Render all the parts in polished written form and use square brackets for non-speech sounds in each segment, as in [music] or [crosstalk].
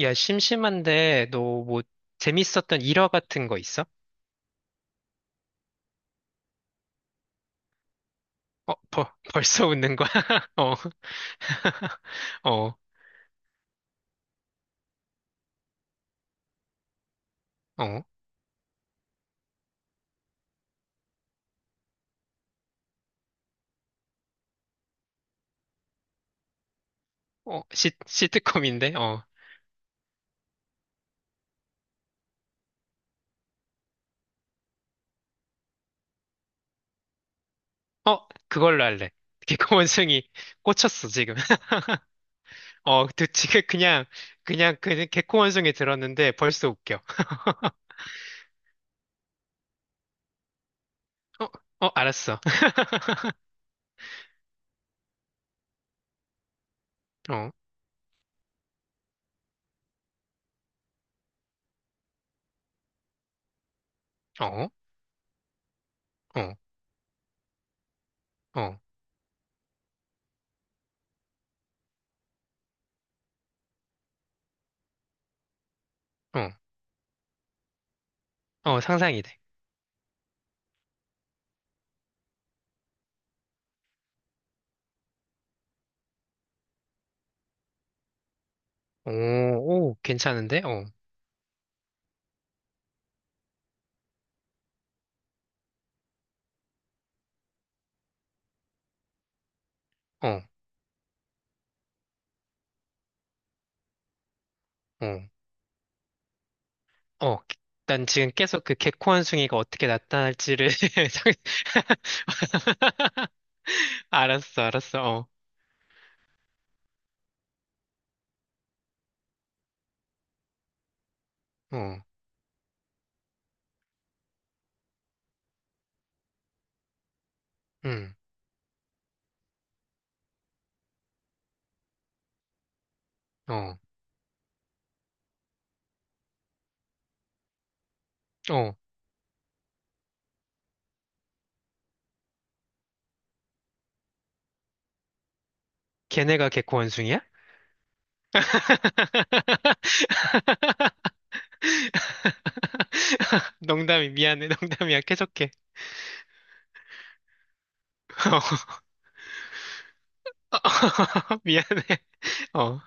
야, 심심한데, 너 뭐, 재밌었던 일화 같은 거 있어? 어, 벌, [laughs] 벌써 웃는 거야? [laughs] 어, [laughs] 어, 어, 어, 시, 시트콤인데? 어, 어, 그걸로 할래. 개코원숭이 꽂혔어, 지금. [laughs] 어, 그, 지금 그냥, 그냥, 그, 개코원숭이 들었는데 벌써 웃겨. [laughs] 어, 어, 알았어. [laughs] 어, 어, 어, 어, 어, 어, 상상이 돼. 오, 오, 괜찮은데? 어, 어, 어. 어, 난 지금 계속 그 개코원숭이가 어떻게 나타날지를 [laughs] 상- [laughs] 알았어, 알았어. 어, 어, 음, 어, 어. 걔네가 개코원숭이야? [laughs] 농담이 미안해, 농담이야. 계속해. 어. [laughs] 미안해. 어,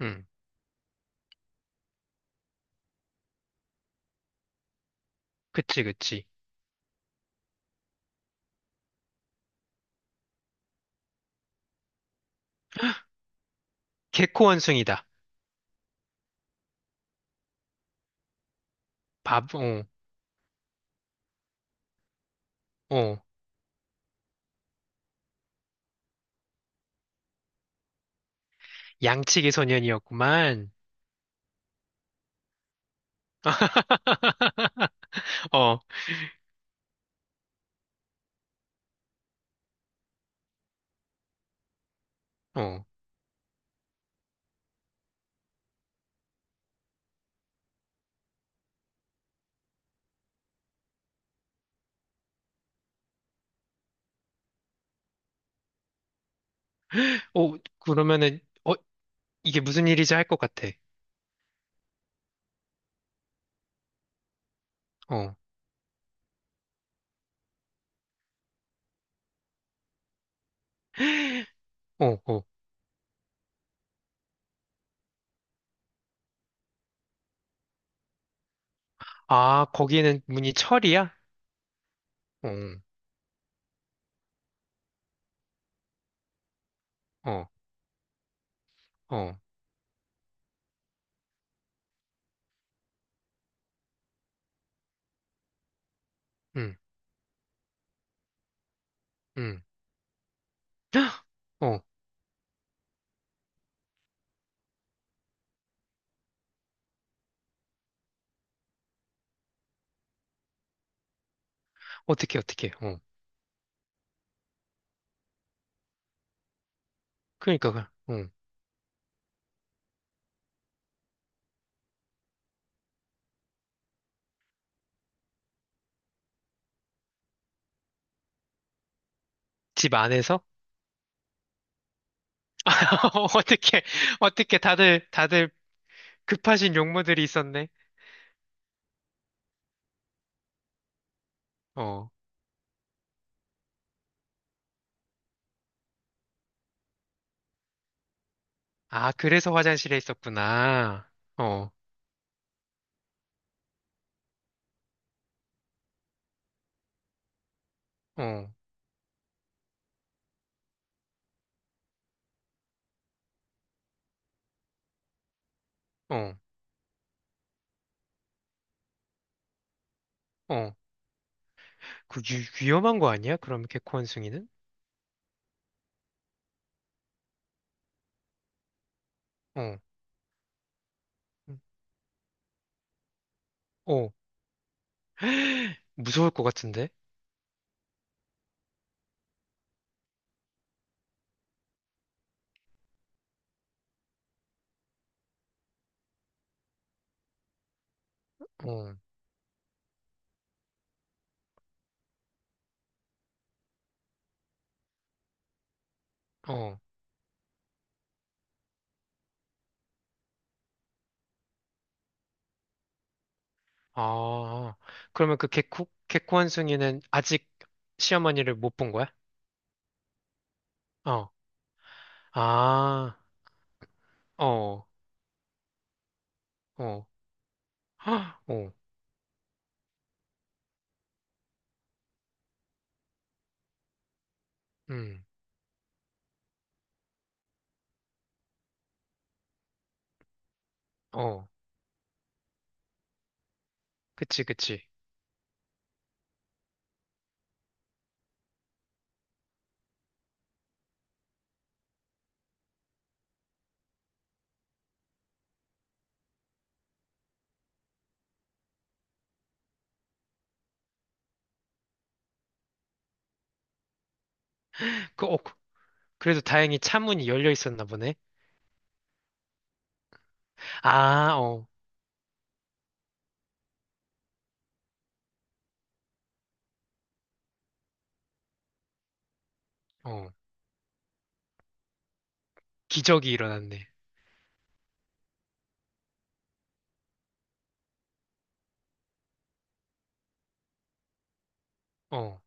음, 그치, 그치. 개코원숭이다. 밥, 어, 어. 양치기 소년이었구만. [laughs] 어, 어. 어, 그러면은, 어, 이게 무슨 일이지 할 것 같아. 어, 어, 어. 아, 거기에는 문이 철이야? 어, 어, 어, 음, 음. 헉! 어, 어떻게, 어떻게, 어. 그러니까, 그, 어. 집 안에서? [laughs] 어떻게, 어떻게 다들 급하신 용무들이 있었네. 어. 아, 그래서 화장실에 있었구나. 어, 어, 어, 어. 그 위, 위험한 거 아니야? 그럼 개코 원숭이는? 어, 음. 어. 무서울 것 같은데? 어, 어. 아, 그러면 그 개코 한승이는 아직 시어머니를 못 본 거야? 어, 아, 어, 어, 헉, 어, 음, 어. 그치, 그치. 그, 어, 그, 그래도 다행히 차문이 열려 있었나 보네. 아, 어, 어. 기적이 일어났네. 어.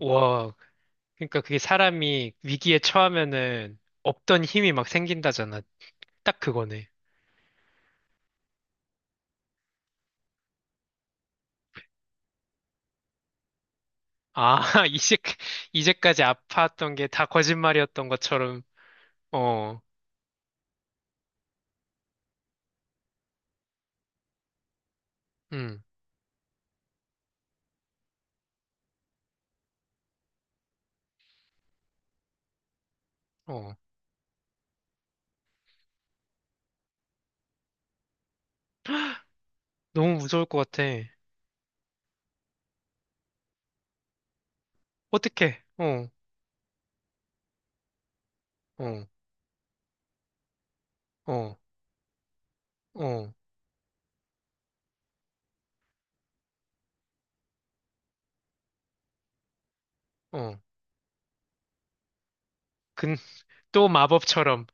와, 그러니까 그게 사람이 위기에 처하면은 없던 힘이 막 생긴다잖아. 딱 그거네. 아, [laughs] 이제, 이제까지 아팠던 게 다 거짓말이었던 것처럼, 어, 음, 어. 너무 무서울 것 같아. 어떡해, 어, 어, 어, 어, 어. 근, 또 마법처럼,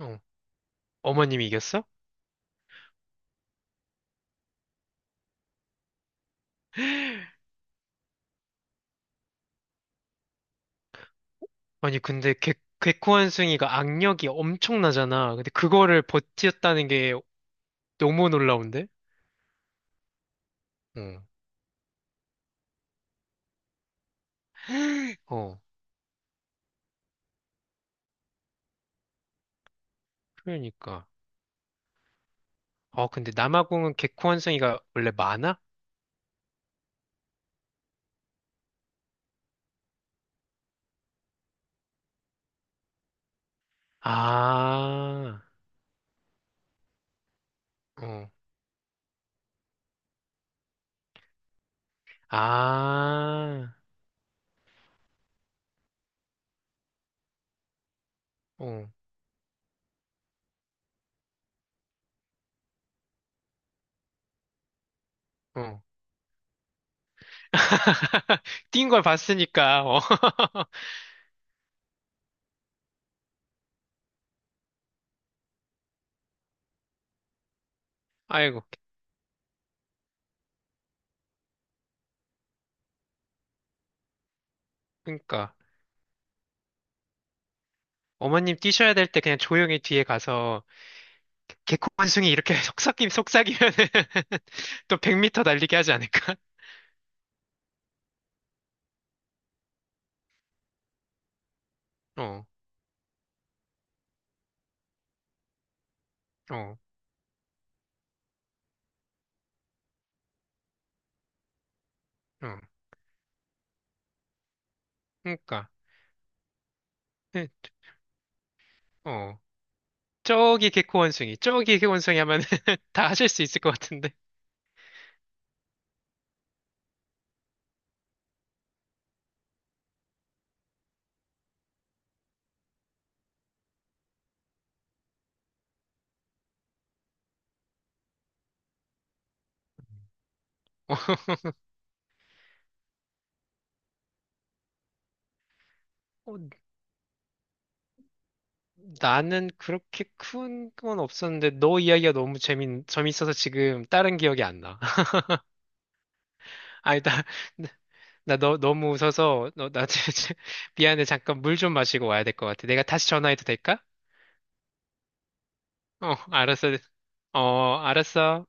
어, 어머님이 이겼어? [gasps] [laughs] 아니, 근데 개, 개코한승이가 악력이 엄청나잖아. 근데 그거를 버텼다는 게 너무 놀라운데? 어, 어, 그러니까. 어, 근데 남아공은 개코한승이가 원래 많아? 아, 어. 아, 어, 어. [laughs] 뛴 걸 봤으니까, 어. [laughs] 아이고, 그러니까. 어머님 뛰셔야 될 때 그냥 조용히 뒤에 가서 개콘숭이 이렇게 [laughs] 속삭이면은 [laughs] 또 100m 달리게 하지 않을까? 어, 어, 어. 그러니까. 네, 어. 저기 개코원숭이, 저기 개코원숭이 하면 [laughs] 다 하실 수 있을 것 같은데. 어, [laughs] 어, 나는 그렇게 큰 건 없었는데 너 이야기가 너무 재밌, 재밌어서 지금 다른 기억이 안 나. 아니, [laughs] 나, 너무 웃어서, 너, 나, [laughs] 진짜 미안해. 잠깐 물 좀 마시고 와야 될 것 같아. 내가 다시 전화해도 될까? 어, 알았어. 어, 알았어.